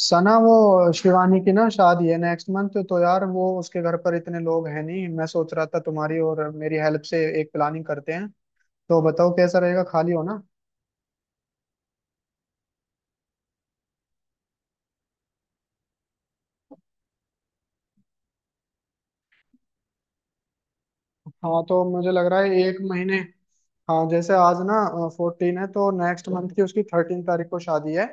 सना, वो शिवानी की ना शादी है नेक्स्ट मंथ। तो यार वो उसके घर पर इतने लोग हैं नहीं, मैं सोच रहा था तुम्हारी और मेरी हेल्प से एक प्लानिंग करते हैं। तो बताओ कैसा रहेगा, खाली हो ना। हाँ तो मुझे लग रहा है एक महीने। हाँ जैसे आज ना 14 है, तो नेक्स्ट मंथ की उसकी 13 तारीख को शादी है।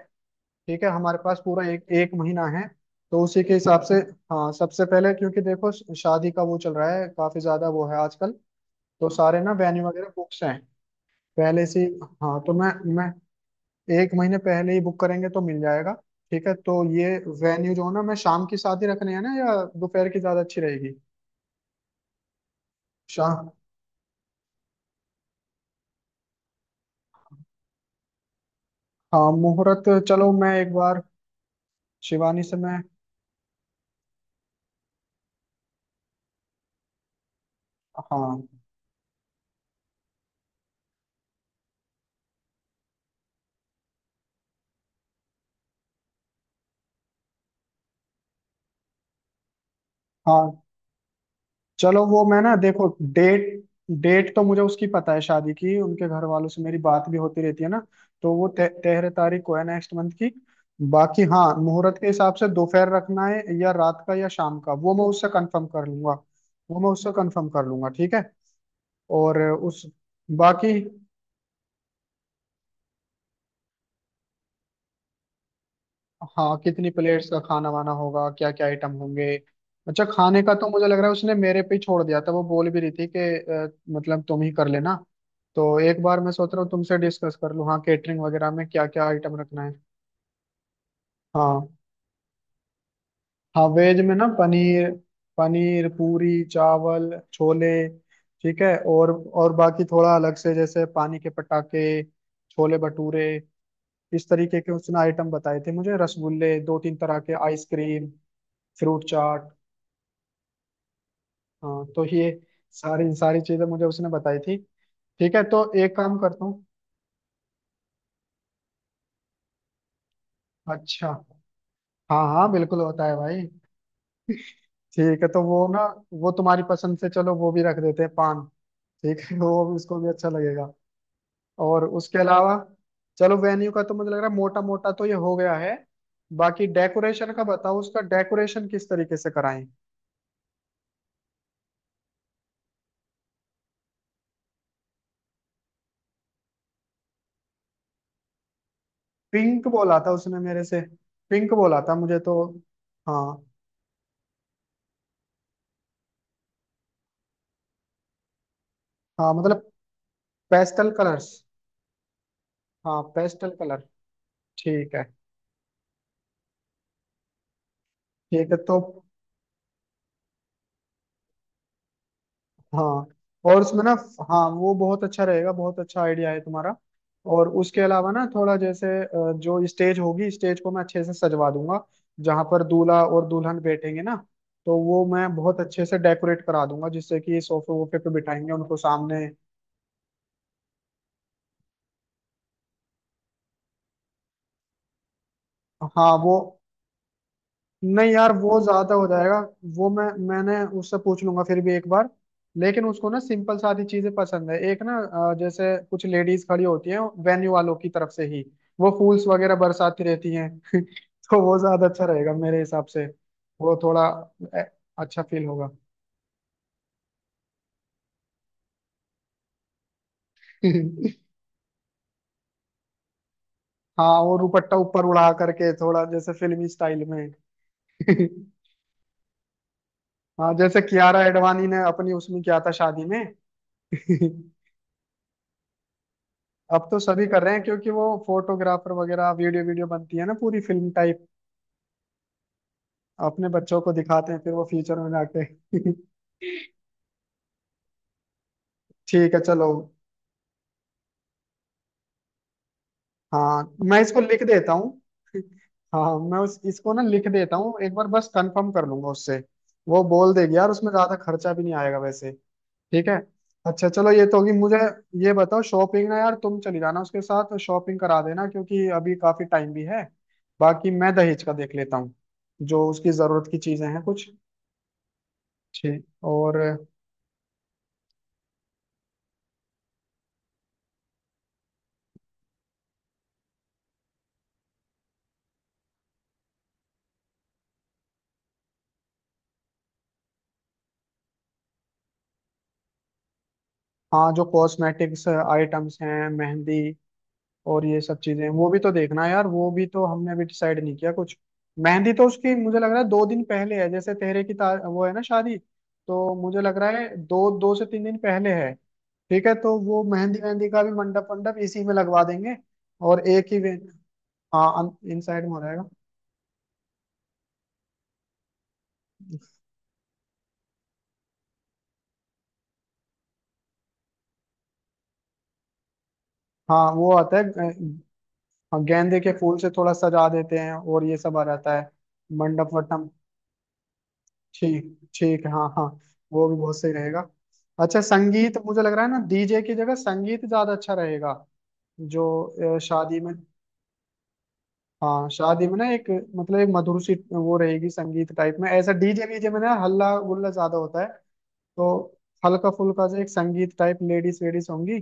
ठीक है, हमारे पास पूरा एक एक महीना है। तो उसी के हिसाब से। हाँ सबसे पहले, क्योंकि देखो शादी का वो चल रहा है काफी ज्यादा, वो है आजकल। तो सारे ना वेन्यू वगैरह बुक्स हैं पहले से ही। हाँ तो मैं एक महीने पहले ही बुक करेंगे तो मिल जाएगा। ठीक है तो ये वेन्यू जो है ना, मैं शाम की शादी रखने है ना या दोपहर की ज्यादा अच्छी रहेगी। शाम। हाँ मुहूर्त, चलो मैं एक बार शिवानी से मैं। हाँ हाँ, चलो वो मैं ना देखो। डेट, डेट तो मुझे उसकी पता है शादी की, उनके घर वालों से मेरी बात भी होती रहती है ना। तो वो 13 तारीख को है नेक्स्ट मंथ की। बाकी हाँ, मुहूर्त के हिसाब से दोपहर रखना है या रात का या शाम का, वो मैं उससे कंफर्म कर लूंगा। वो मैं उससे कंफर्म कर लूंगा ठीक है। और उस बाकी, हाँ कितनी प्लेट्स का खाना वाना होगा, क्या क्या आइटम होंगे। अच्छा खाने का तो मुझे लग रहा है उसने मेरे पे ही छोड़ दिया था, वो बोल भी रही थी कि मतलब तुम ही कर लेना। तो एक बार मैं सोच रहा हूँ तुमसे डिस्कस कर लूँ, हाँ केटरिंग वगैरह में क्या क्या आइटम रखना है। हाँ हाँ, वेज में ना पनीर, पनीर पूरी चावल छोले। ठीक है, और बाकी थोड़ा अलग से जैसे पानी के पटाखे, छोले भटूरे, इस तरीके के उसने आइटम बताए थे मुझे, रसगुल्ले, दो तीन तरह के आइसक्रीम, फ्रूट चाट। हाँ तो ये सारी सारी चीजें मुझे उसने बताई थी। ठीक है तो एक काम करता हूँ। अच्छा हाँ हाँ, बिल्कुल होता है भाई। ठीक है तो वो ना, वो तुम्हारी पसंद से, चलो वो भी रख देते हैं पान। ठीक है, वो भी उसको भी अच्छा लगेगा। और उसके अलावा, चलो वेन्यू का तो मुझे लग रहा है मोटा मोटा तो ये हो गया है। बाकी डेकोरेशन का बताओ, उसका डेकोरेशन किस तरीके से कराएं। पिंक बोला था उसने मेरे से, पिंक बोला था मुझे तो। हाँ हाँ मतलब पेस्टल कलर्स। हाँ पेस्टल कलर। ठीक है। ठीक है तो हाँ। और उसमें ना, हाँ वो बहुत अच्छा रहेगा, बहुत अच्छा आइडिया है तुम्हारा। और उसके अलावा ना थोड़ा जैसे जो स्टेज होगी, स्टेज को मैं अच्छे से सजवा दूंगा, जहां पर दूल्हा और दुल्हन बैठेंगे ना। तो वो मैं बहुत अच्छे से डेकोरेट करा दूंगा, जिससे कि सोफे वोफे पे बिठाएंगे उनको सामने। हाँ वो, नहीं यार वो ज्यादा हो जाएगा। वो मैंने उससे पूछ लूंगा फिर भी एक बार। लेकिन उसको ना सिंपल सादी चीजें पसंद है एक ना। जैसे कुछ लेडीज खड़ी होती हैं वेन्यू वालों की तरफ से ही, वो फूल्स वगैरह बरसाती रहती हैं तो वो ज्यादा अच्छा रहेगा मेरे हिसाब से। वो थोड़ा अ, अच्छा फील होगा। हाँ वो दुपट्टा ऊपर उड़ा करके थोड़ा जैसे फिल्मी स्टाइल में। हाँ जैसे कियारा एडवाणी ने अपनी उसमें किया था शादी में। अब तो सभी कर रहे हैं, क्योंकि वो फोटोग्राफर वगैरह वीडियो वीडियो बनती है ना, पूरी फिल्म टाइप। अपने बच्चों को दिखाते हैं फिर वो फ्यूचर में जाके। ठीक है चलो। हाँ मैं इसको लिख देता हूँ। हाँ मैं उस इसको ना लिख देता हूँ एक बार, बस कंफर्म कर लूंगा उससे। वो बोल देगी यार, उसमें ज्यादा खर्चा भी नहीं आएगा वैसे। ठीक है। अच्छा चलो ये तो होगी मुझे। ये बताओ शॉपिंग ना, यार तुम चली जाना उसके साथ, शॉपिंग करा देना, क्योंकि अभी काफी टाइम भी है। बाकी मैं दहेज का देख लेता हूँ, जो उसकी जरूरत की चीजें हैं कुछ। ठीक। और हाँ, जो कॉस्मेटिक्स आइटम्स हैं, मेहंदी, और ये सब चीजें वो भी तो देखना है यार, वो भी तो हमने अभी डिसाइड नहीं किया कुछ। मेहंदी तो उसकी मुझे लग रहा है 2 दिन पहले है, जैसे वो है ना शादी, तो मुझे लग रहा है दो 2 से 3 दिन पहले है। ठीक है तो वो मेहंदी मेहंदी का भी मंडप मंडप इसी में लगवा देंगे। और एक ही हाँ इन साइड में हो जाएगा। हाँ वो आता है हाँ, गेंदे के फूल से थोड़ा सजा देते हैं और ये सब आ जाता है। मंडप वटम ठीक, ठीक है, हाँ हाँ। वो भी बहुत सही रहेगा। अच्छा संगीत, मुझे लग रहा है ना डीजे की जगह संगीत ज्यादा अच्छा रहेगा। जो शादी में, हाँ शादी में ना एक, मतलब एक मधुर सी वो रहेगी, संगीत टाइप में। ऐसा डीजे वीजे में ना हल्ला गुल्ला ज्यादा होता है। तो हल्का फुल्का जो एक संगीत टाइप, लेडीज वेडीज होंगी,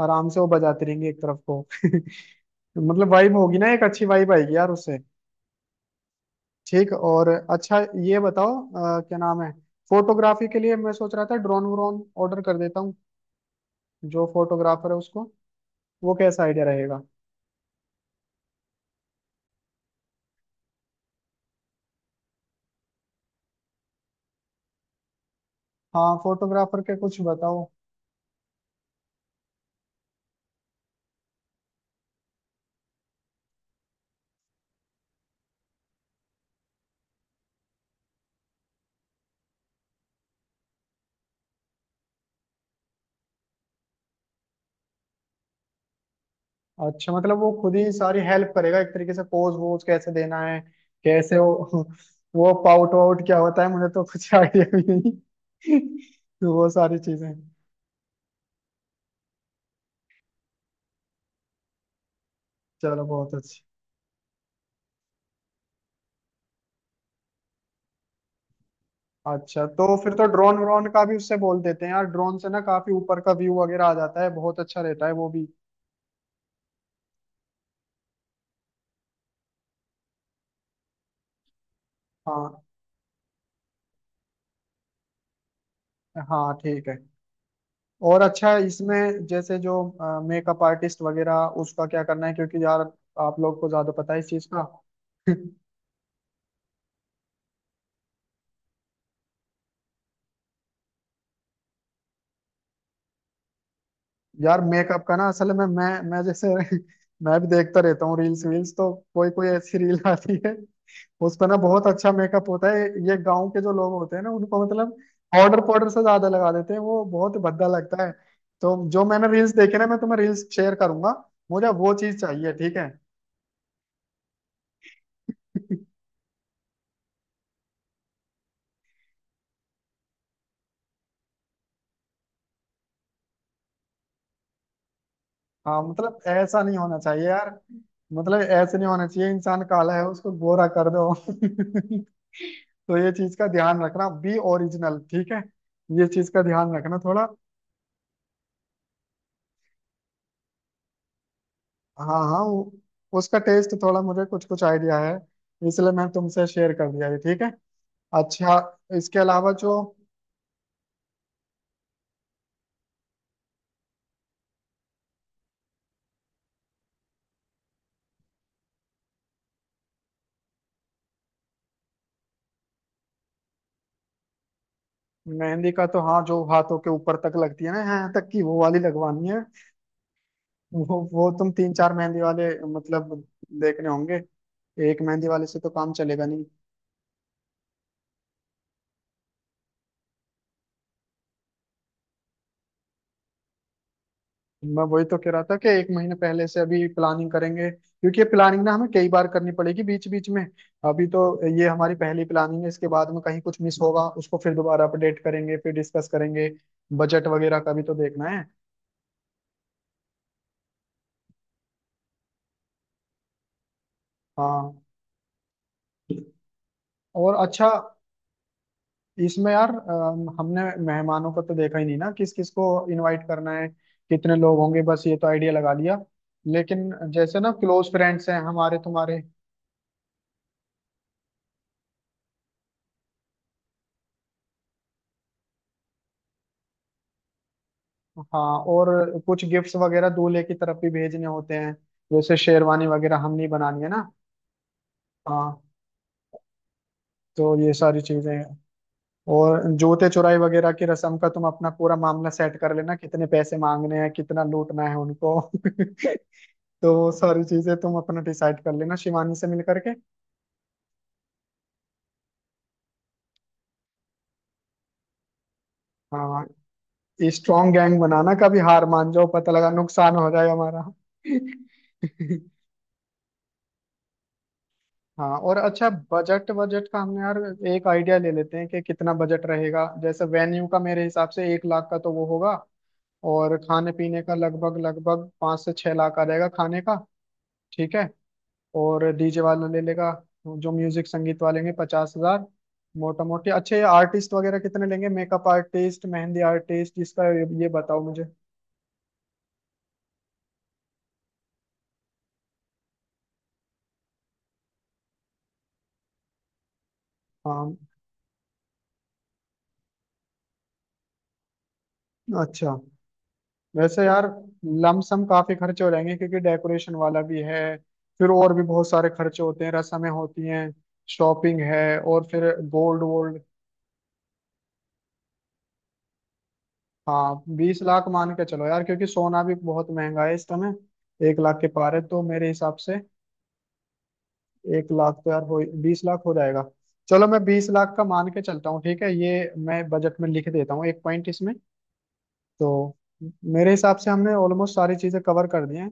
आराम से वो बजाती रहेंगी एक तरफ को मतलब वाइब होगी ना, एक अच्छी वाइब आएगी यार उससे। ठीक और अच्छा, ये बताओ क्या नाम है, फोटोग्राफी के लिए मैं सोच रहा था ड्रोन व्रोन ऑर्डर कर देता हूँ, जो फोटोग्राफर है उसको। वो कैसा आइडिया रहेगा। हाँ फोटोग्राफर के कुछ बताओ। अच्छा मतलब वो खुद ही सारी हेल्प करेगा एक तरीके से, पोज वोज कैसे देना है, कैसे वो वो पाउट वाउट क्या होता है, मुझे तो कुछ आइडिया भी नहीं तो वो सारी चीजें। चलो बहुत अच्छी। अच्छा तो फिर तो ड्रोन व्रोन का भी उससे बोल देते हैं यार, ड्रोन से ना काफी ऊपर का व्यू वगैरह आ जाता है, बहुत अच्छा रहता है वो भी। हाँ हाँ ठीक है। और अच्छा है, इसमें जैसे जो मेकअप आर्टिस्ट वगैरह, उसका क्या करना है, क्योंकि यार आप लोग को ज्यादा पता है इस चीज का। यार मेकअप का ना, असल में मैं जैसे मैं भी देखता रहता हूँ रील्स वील्स, तो कोई कोई ऐसी रील आती है, उस पर ना बहुत अच्छा मेकअप होता है। ये गांव के जो लोग होते हैं ना, उनको मतलब पाउडर पाउडर से ज्यादा लगा देते हैं, वो बहुत भद्दा लगता है। तो जो मैंने रील्स देखे ना, मैं तुम्हें रील्स शेयर करूंगा, मुझे वो चीज चाहिए ठीक है। हाँ मतलब ऐसा नहीं होना चाहिए यार, मतलब ऐसे नहीं होना चाहिए, इंसान काला है उसको गोरा कर दो तो ये चीज का ध्यान रखना, बी ओरिजिनल ठीक है। ये चीज का ध्यान रखना थोड़ा। हाँ हाँ वो, उसका टेस्ट थोड़ा मुझे कुछ कुछ आइडिया है, इसलिए मैं तुमसे शेयर कर दिया ये ठीक है। अच्छा, इसके अलावा जो मेहंदी का तो, हाँ जो हाथों के ऊपर तक लगती है ना, यहाँ तक की वो वाली लगवानी है। वो तुम 3-4 मेहंदी वाले, मतलब देखने होंगे, एक मेहंदी वाले से तो काम चलेगा नहीं। मैं वही तो कह रहा था कि एक महीने पहले से अभी प्लानिंग करेंगे, क्योंकि ये प्लानिंग ना हमें कई बार करनी पड़ेगी बीच बीच में। अभी तो ये हमारी पहली प्लानिंग है, इसके बाद में कहीं कुछ मिस होगा, उसको फिर दोबारा अपडेट करेंगे फिर डिस्कस करेंगे। बजट वगैरह का भी तो देखना है। हाँ और अच्छा, इसमें यार हमने मेहमानों को तो देखा ही नहीं ना, किस किस को इनवाइट करना है, कितने लोग होंगे, बस ये तो आइडिया लगा लिया। लेकिन जैसे ना क्लोज फ्रेंड्स हैं हमारे तुम्हारे। हाँ और कुछ गिफ्ट्स वगैरह दूल्हे की तरफ भी भेजने होते हैं, जैसे शेरवानी वगैरह हम नहीं बनानी है ना। हाँ तो ये सारी चीजें हैं। और जूते चुराई वगैरह की रस्म का तुम अपना पूरा मामला सेट कर लेना, कितने पैसे मांगने हैं, कितना लूटना है उनको तो वो सारी चीजें तुम अपना डिसाइड कर लेना शिवानी से मिल करके। हाँ स्ट्रॉन्ग गैंग बनाना, कभी हार मान जाओ पता लगा नुकसान हो जाए हमारा। हाँ और अच्छा, बजट बजट का हमने यार एक आइडिया ले लेते हैं कि कितना बजट रहेगा। जैसे वेन्यू का मेरे हिसाब से 1 लाख का तो वो होगा, और खाने पीने का लगभग लगभग 5 से 6 लाख आ जाएगा खाने का। ठीक है। और डीजे वाला ले लेगा, जो म्यूजिक संगीत वाले लेंगे, 50,000। मोटा मोटी अच्छे आर्टिस्ट वगैरह कितने लेंगे, मेकअप आर्टिस्ट, मेहंदी आर्टिस्ट, इसका ये बताओ मुझे। हाँ अच्छा, वैसे यार लमसम काफी खर्चे हो जाएंगे, क्योंकि डेकोरेशन वाला भी है, फिर और भी बहुत सारे खर्चे होते हैं, रस्में होती हैं, शॉपिंग है, और फिर गोल्ड वोल्ड। हाँ 20 लाख मान के चलो यार, क्योंकि सोना भी बहुत महंगा है इस समय, 1 लाख के पार है तो मेरे हिसाब से। एक लाख तो यार हो, 20 लाख हो जाएगा। चलो मैं 20 लाख का मान के चलता हूँ ठीक है, ये मैं बजट में लिख देता हूँ एक पॉइंट इसमें। तो मेरे हिसाब से हमने ऑलमोस्ट सारी चीजें कवर कर दी हैं।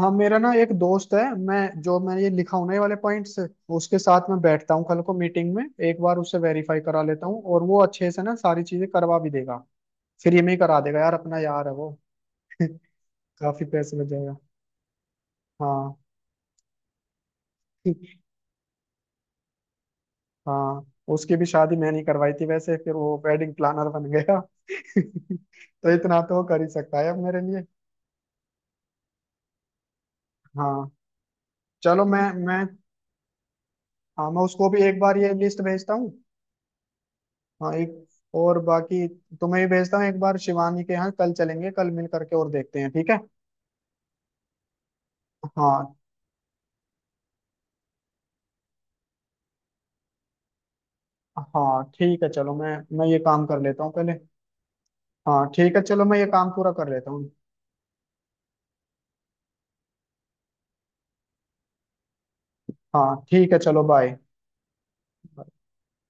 हाँ मेरा ना एक दोस्त है, मैं जो मैंने ये लिखा हूं ना ये वाले पॉइंट्स, उसके साथ मैं बैठता हूँ कल को मीटिंग में, एक बार उससे वेरीफाई करा लेता हूँ, और वो अच्छे से ना सारी चीजें करवा भी देगा। फ्री में ही करा देगा यार, अपना यार है वो काफी पैसे लग जाएगा। हाँ हाँ, उसकी भी शादी मैंने ही करवाई थी वैसे, फिर वो वेडिंग प्लानर बन गया तो इतना तो वो कर ही सकता है अब मेरे लिए। हाँ चलो मैं, हाँ मैं उसको भी एक बार ये लिस्ट भेजता हूँ। हाँ एक और बाकी, तुम्हें भी भेजता हूँ एक बार, शिवानी के यहाँ कल चलेंगे कल मिल करके और देखते हैं ठीक है। हाँ हाँ ठीक है, चलो मैं ये काम कर लेता हूँ पहले। हाँ ठीक है चलो मैं ये काम पूरा कर लेता हूँ। हाँ ठीक है चलो बाय।